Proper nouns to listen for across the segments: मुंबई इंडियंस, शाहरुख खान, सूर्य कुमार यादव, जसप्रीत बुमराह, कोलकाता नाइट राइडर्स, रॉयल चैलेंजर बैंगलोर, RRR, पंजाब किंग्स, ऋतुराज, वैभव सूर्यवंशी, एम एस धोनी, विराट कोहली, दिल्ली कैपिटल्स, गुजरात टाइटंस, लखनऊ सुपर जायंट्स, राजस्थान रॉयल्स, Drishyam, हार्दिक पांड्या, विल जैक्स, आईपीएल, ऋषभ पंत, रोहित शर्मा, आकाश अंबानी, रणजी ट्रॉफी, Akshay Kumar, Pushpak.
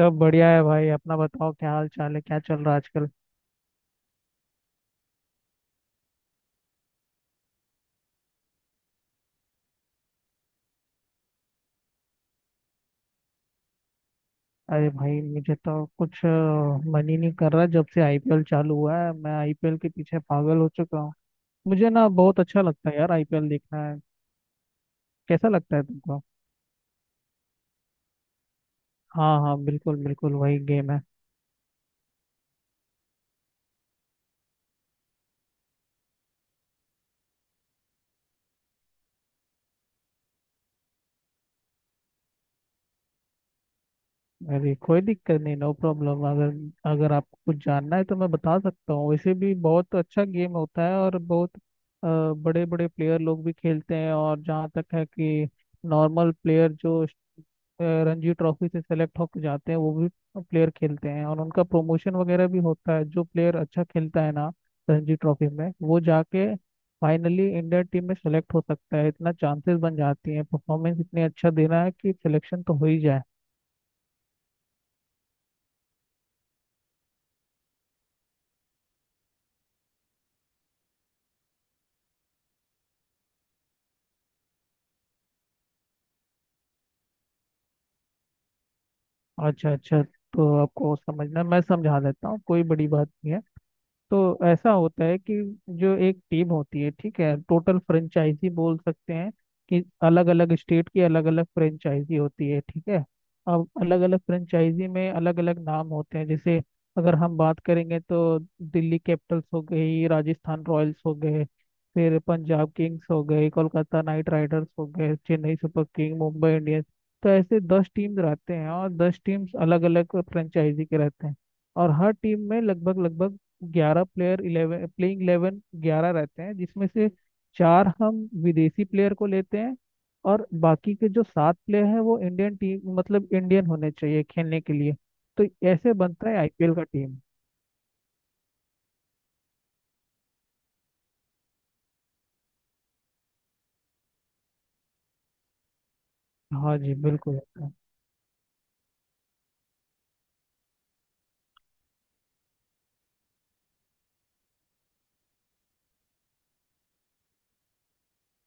सब बढ़िया है भाई। अपना बताओ, क्या हाल चाल है? क्या चल रहा है आजकल? अरे भाई, मुझे तो कुछ मन ही नहीं कर रहा। जब से IPL चालू हुआ है, मैं IPL के पीछे पागल हो चुका हूँ। मुझे ना बहुत अच्छा लगता है यार IPL देखना है। कैसा लगता है तुमको? हाँ हाँ, बिल्कुल बिल्कुल वही गेम है। अरे कोई दिक्कत नहीं, नो प्रॉब्लम। अगर अगर आपको कुछ जानना है तो मैं बता सकता हूँ। वैसे भी बहुत अच्छा गेम होता है, और बहुत बड़े बड़े प्लेयर लोग भी खेलते हैं। और जहाँ तक है कि नॉर्मल प्लेयर जो रणजी ट्रॉफी से सेलेक्ट होकर जाते हैं, वो भी प्लेयर खेलते हैं और उनका प्रमोशन वगैरह भी होता है। जो प्लेयर अच्छा खेलता है ना रणजी ट्रॉफी में, वो जाके फाइनली इंडिया टीम में सेलेक्ट हो सकता है। इतना चांसेस बन जाती हैं। परफॉर्मेंस इतनी अच्छा देना है कि सिलेक्शन तो हो ही जाए। अच्छा अच्छा, तो आपको समझना मैं समझा देता हूँ, कोई बड़ी बात नहीं है। तो ऐसा होता है कि जो एक टीम होती है, ठीक है, टोटल फ्रेंचाइजी बोल सकते हैं कि अलग अलग स्टेट की अलग अलग फ्रेंचाइजी होती है, ठीक है। अब अलग अलग फ्रेंचाइजी में अलग अलग नाम होते हैं। जैसे अगर हम बात करेंगे तो दिल्ली कैपिटल्स हो गई, राजस्थान रॉयल्स हो गए, फिर पंजाब किंग्स हो गए, कोलकाता नाइट राइडर्स हो गए, Chennai Super King, मुंबई इंडियंस। तो ऐसे 10 टीम रहते हैं, और 10 टीम्स अलग अलग फ्रेंचाइजी के रहते हैं। और हर टीम में लगभग लगभग 11 प्लेयर, इलेवन प्लेइंग इलेवन, 11 रहते हैं, जिसमें से 4 हम विदेशी प्लेयर को लेते हैं और बाकी के जो 7 प्लेयर हैं वो इंडियन टीम, मतलब इंडियन होने चाहिए खेलने के लिए। तो ऐसे बनता है IPL का टीम। हाँ जी, बिल्कुल।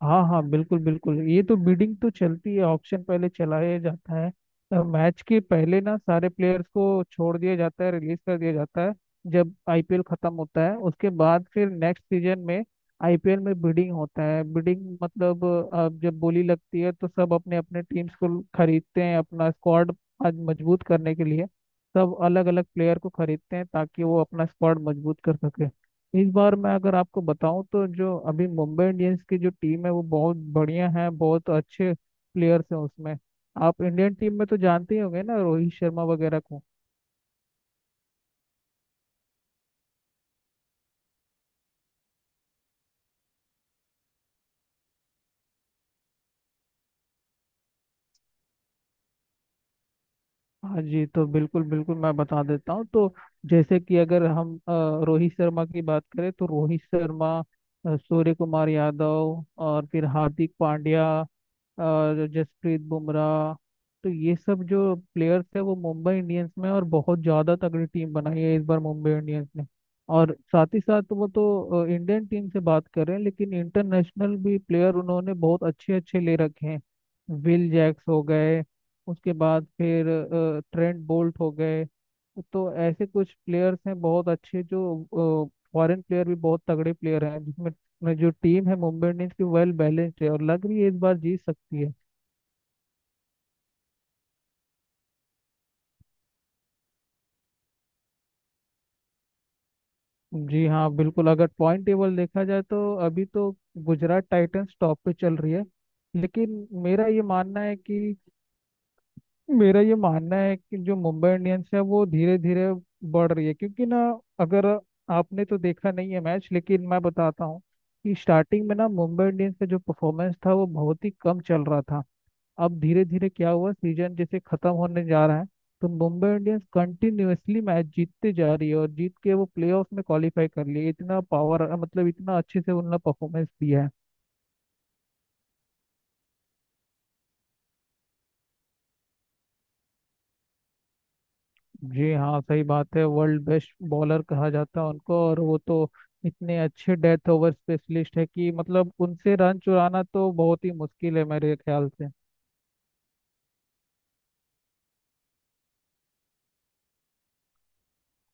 हाँ हाँ, बिल्कुल बिल्कुल, ये तो बिडिंग तो चलती है, ऑक्शन पहले चलाया जाता है। मैच के पहले ना सारे प्लेयर्स को छोड़ दिया जाता है, रिलीज कर दिया जाता है। जब IPL खत्म होता है उसके बाद, फिर नेक्स्ट सीजन में IPL में बिडिंग होता है। बिडिंग मतलब अब जब बोली लगती है तो सब अपने अपने टीम्स को खरीदते हैं, अपना स्क्वाड आज मजबूत करने के लिए। सब अलग अलग प्लेयर को खरीदते हैं ताकि वो अपना स्क्वाड मजबूत कर सके। इस बार मैं अगर आपको बताऊं तो जो अभी मुंबई इंडियंस की जो टीम है वो बहुत बढ़िया है, बहुत अच्छे प्लेयर्स हैं उसमें। आप इंडियन टीम में तो जानते ही होंगे ना, रोहित शर्मा वगैरह को। हाँ जी, तो बिल्कुल बिल्कुल मैं बता देता हूँ। तो जैसे कि अगर हम रोहित शर्मा की बात करें, तो रोहित शर्मा, सूर्य कुमार यादव, और फिर हार्दिक पांड्या और जसप्रीत बुमराह। तो ये सब जो प्लेयर्स है वो मुंबई इंडियंस में, और बहुत ज़्यादा तगड़ी टीम बनाई है इस बार मुंबई इंडियंस ने। और साथ ही साथ वो तो इंडियन टीम से बात कर रहे हैं, लेकिन इंटरनेशनल भी प्लेयर उन्होंने बहुत अच्छे अच्छे ले रखे हैं। विल जैक्स हो गए, उसके बाद फिर ट्रेंट बोल्ट हो गए। तो ऐसे कुछ प्लेयर्स हैं बहुत अच्छे, जो फॉरेन प्लेयर भी बहुत तगड़े प्लेयर हैं, जिसमें में जो टीम है मुंबई इंडियंस की, वेल बैलेंस्ड है और लग रही है इस बार जीत सकती है। जी हाँ बिल्कुल, अगर पॉइंट टेबल देखा जाए तो अभी तो गुजरात टाइटंस टॉप पे चल रही है, लेकिन मेरा ये मानना है कि मेरा ये मानना है कि जो मुंबई इंडियंस है वो धीरे धीरे बढ़ रही है। क्योंकि ना, अगर आपने तो देखा नहीं है मैच, लेकिन मैं बताता हूँ कि स्टार्टिंग में ना मुंबई इंडियंस का जो परफॉर्मेंस था वो बहुत ही कम चल रहा था। अब धीरे धीरे क्या हुआ, सीजन जैसे खत्म होने जा रहा है, तो मुंबई इंडियंस कंटिन्यूअसली मैच जीतते जा रही है, और जीत के वो प्लेऑफ में क्वालिफाई कर लिए। इतना पावर मतलब इतना अच्छे से उन्होंने परफॉर्मेंस दिया है। जी हाँ, सही बात है, वर्ल्ड बेस्ट बॉलर कहा जाता है उनको। और वो तो इतने अच्छे डेथ ओवर स्पेशलिस्ट है कि मतलब उनसे रन चुराना तो बहुत ही मुश्किल है मेरे ख्याल से।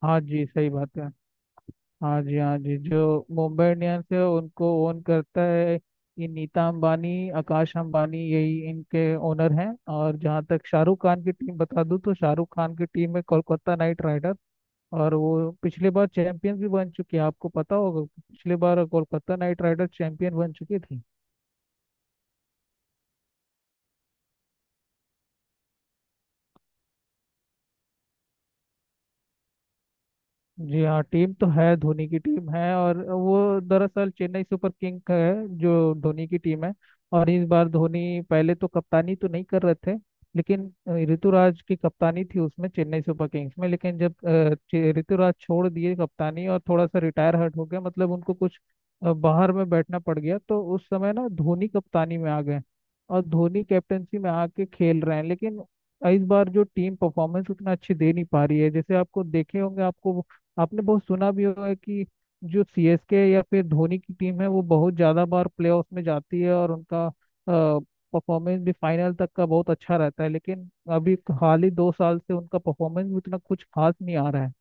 हाँ जी, सही बात है। हाँ जी, हाँ जी, जो मुंबई इंडियंस है उनको ओन करता है ये नीता अंबानी, आकाश अंबानी, यही इनके ओनर हैं। और जहाँ तक शाहरुख खान की टीम बता दूँ, तो शाहरुख खान की टीम है कोलकाता नाइट राइडर। और वो पिछले बार चैंपियन भी बन चुकी है, आपको पता होगा, पिछले बार कोलकाता नाइट राइडर चैंपियन बन चुकी थी। जी हाँ, टीम तो है, धोनी की टीम है, और वो दरअसल चेन्नई सुपर किंग का है जो धोनी की टीम है। और इस बार धोनी पहले तो कप्तानी तो नहीं कर रहे थे, लेकिन ऋतुराज की कप्तानी थी उसमें, चेन्नई सुपर किंग्स में। लेकिन जब ऋतुराज छोड़ दिए कप्तानी, और थोड़ा सा रिटायर हर्ट हो गया, मतलब उनको कुछ बाहर में बैठना पड़ गया, तो उस समय ना धोनी कप्तानी में आ गए। और धोनी कैप्टेंसी में आके खेल रहे हैं, लेकिन इस बार जो टीम परफॉर्मेंस उतना अच्छी दे नहीं पा रही है। जैसे आपको देखे होंगे, आपको, आपने बहुत सुना भी होगा कि जो CSK या फिर धोनी की टीम है वो बहुत ज़्यादा बार प्लेऑफ में जाती है, और उनका परफॉर्मेंस भी फाइनल तक का बहुत अच्छा रहता है। लेकिन अभी हाल ही 2 साल से उनका परफॉर्मेंस भी उतना कुछ खास नहीं आ रहा है।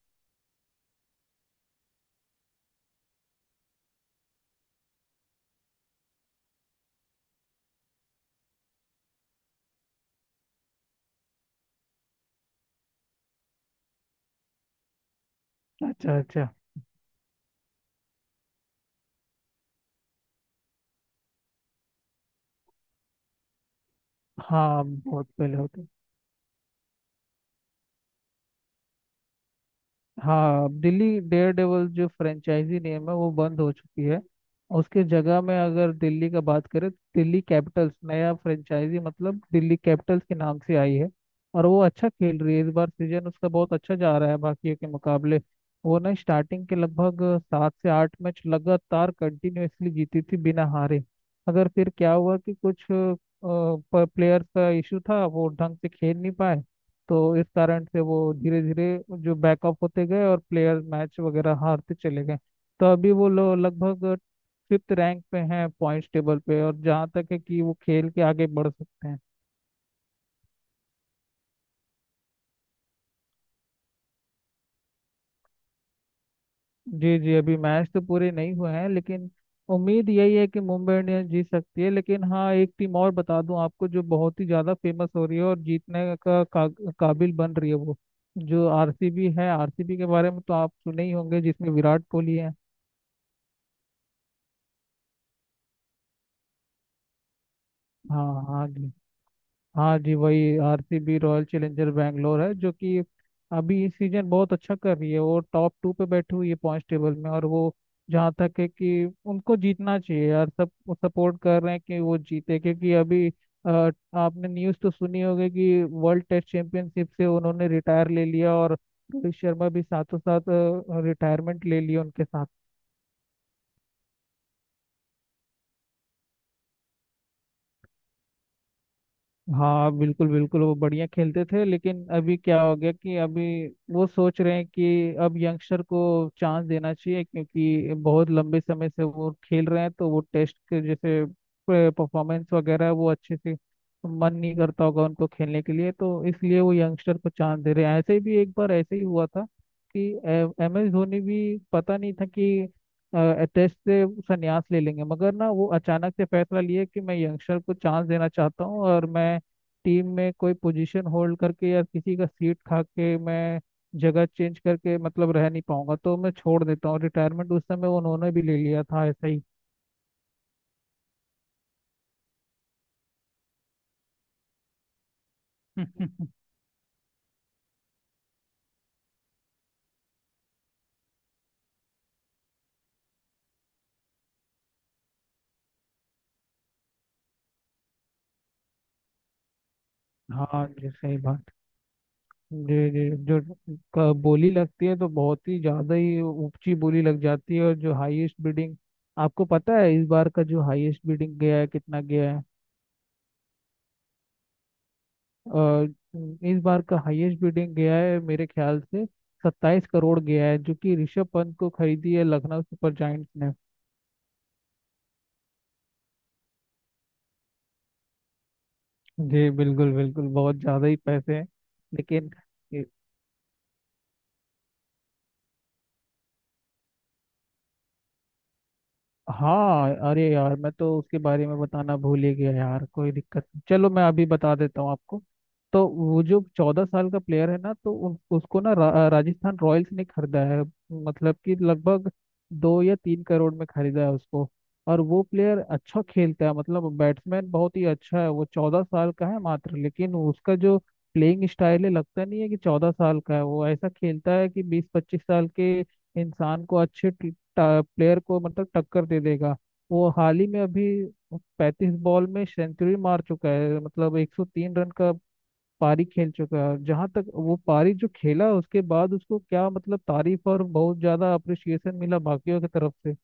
अच्छा अच्छा। हाँ, बहुत पहले होता। हाँ, दिल्ली डेयर डेवल जो फ्रेंचाइजी नेम है वो बंद हो चुकी है। उसके जगह में अगर दिल्ली का बात करें, तो दिल्ली कैपिटल्स नया फ्रेंचाइजी, मतलब दिल्ली कैपिटल्स के नाम से आई है। और वो अच्छा खेल रही है, इस बार सीजन उसका बहुत अच्छा जा रहा है बाकियों के मुकाबले। वो ना स्टार्टिंग के लगभग 7 से 8 मैच लगातार कंटिन्यूअसली जीती थी बिना हारे। अगर फिर क्या हुआ कि कुछ प्लेयर्स का इशू था, वो ढंग से खेल नहीं पाए, तो इस कारण से वो धीरे धीरे जो बैकअप होते गए और प्लेयर मैच वगैरह हारते चले गए। तो अभी वो लोग लगभग फिफ्थ रैंक पे हैं पॉइंट्स टेबल पे, और जहाँ तक है कि वो खेल के आगे बढ़ सकते हैं। जी जी, अभी मैच तो पूरे नहीं हुए हैं, लेकिन उम्मीद यही है कि मुंबई इंडियंस जीत सकती है। लेकिन हाँ, एक टीम और बता दूं आपको जो बहुत ही ज़्यादा फेमस हो रही है और जीतने का, काबिल बन रही है, वो जो RCB है। RCB के बारे में तो आप सुने ही होंगे, जिसमें विराट कोहली है। हाँ हाँ जी। हाँ जी, वही RCB, रॉयल चैलेंजर बैंगलोर है, जो कि अभी इस सीजन बहुत अच्छा कर रही है। वो टॉप टू पे बैठी हुई है पॉइंट टेबल में, और वो जहाँ तक है कि उनको जीतना चाहिए यार। सब सपोर्ट कर रहे हैं कि वो जीते, क्योंकि अभी आपने न्यूज़ तो सुनी होगी कि वर्ल्ड टेस्ट चैंपियनशिप से उन्होंने रिटायर ले लिया, और रोहित शर्मा भी साथों साथ रिटायरमेंट ले लिया उनके साथ। हाँ बिल्कुल बिल्कुल, वो बढ़िया खेलते थे, लेकिन अभी क्या हो गया कि अभी वो सोच रहे हैं कि अब यंगस्टर को चांस देना चाहिए, क्योंकि बहुत लंबे समय से वो खेल रहे हैं। तो वो टेस्ट के जैसे परफॉर्मेंस वगैरह वो अच्छे से मन नहीं करता होगा उनको खेलने के लिए, तो इसलिए वो यंगस्टर को चांस दे रहे हैं। ऐसे भी एक बार ऐसे ही हुआ था कि M S धोनी भी पता नहीं था कि टेस्ट से संन्यास ले लेंगे, मगर ना वो अचानक से फैसला लिए कि मैं यंगस्टर को चांस देना चाहता हूँ, और मैं टीम में कोई पोजीशन होल्ड करके या किसी का सीट खा के मैं जगह चेंज करके मतलब रह नहीं पाऊंगा, तो मैं छोड़ देता हूँ रिटायरमेंट। उस समय उन्होंने भी ले लिया था ऐसा ही। हाँ जी, सही बात। जी जी, जो बोली लगती है, तो बहुत ही ज्यादा ही ऊंची बोली लग जाती है। और जो हाईएस्ट बिडिंग, आपको पता है इस बार का जो हाईएस्ट बिडिंग गया है कितना गया है? अ, इस बार का हाईएस्ट बिडिंग गया है, मेरे ख्याल से 27 करोड़ गया है, जो कि ऋषभ पंत को खरीदी है लखनऊ सुपर जायंट्स ने। जी बिल्कुल बिल्कुल, बहुत ज़्यादा ही पैसे हैं लेकिन। हाँ अरे यार, मैं तो उसके बारे में बताना भूल ही गया यार, कोई दिक्कत नहीं, चलो मैं अभी बता देता हूँ आपको। तो वो जो 14 साल का प्लेयर है ना, तो उसको ना राजस्थान रॉयल्स ने खरीदा है। मतलब कि लगभग 2 या 3 करोड़ में खरीदा है उसको। और वो प्लेयर अच्छा खेलता है, मतलब बैट्समैन बहुत ही अच्छा है। वो 14 साल का है मात्र, लेकिन उसका जो प्लेइंग स्टाइल है, लगता नहीं है कि 14 साल का है। वो ऐसा खेलता है कि 20, 25 साल के इंसान को, अच्छे प्लेयर को मतलब टक्कर दे देगा। वो हाल ही में अभी 35 बॉल में सेंचुरी मार चुका है, मतलब 103 रन का पारी खेल चुका है। जहां तक वो पारी जो खेला, उसके बाद उसको क्या मतलब तारीफ और बहुत ज्यादा अप्रिसिएशन मिला बाकियों की तरफ से।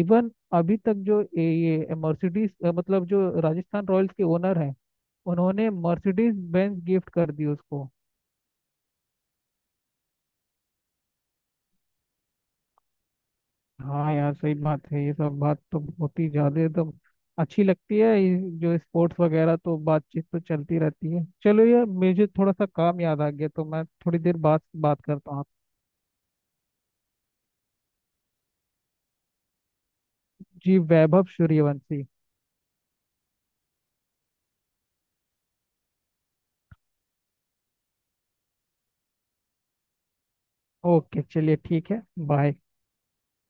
इवन अभी तक जो ये मर्सिडीज, मतलब जो राजस्थान रॉयल्स के ओनर हैं, उन्होंने मर्सिडीज बेंज गिफ्ट कर दी उसको। हाँ यार, सही बात है। ये सब बात तो बहुत ही ज्यादा एकदम अच्छी लगती है, ये जो स्पोर्ट्स वगैरह। तो बातचीत तो चलती रहती है, चलो यार, मुझे थोड़ा सा काम याद आ गया, तो मैं थोड़ी देर बाद बात करता हूँ आपसे। जी, वैभव सूर्यवंशी। ओके चलिए, ठीक है। बाय।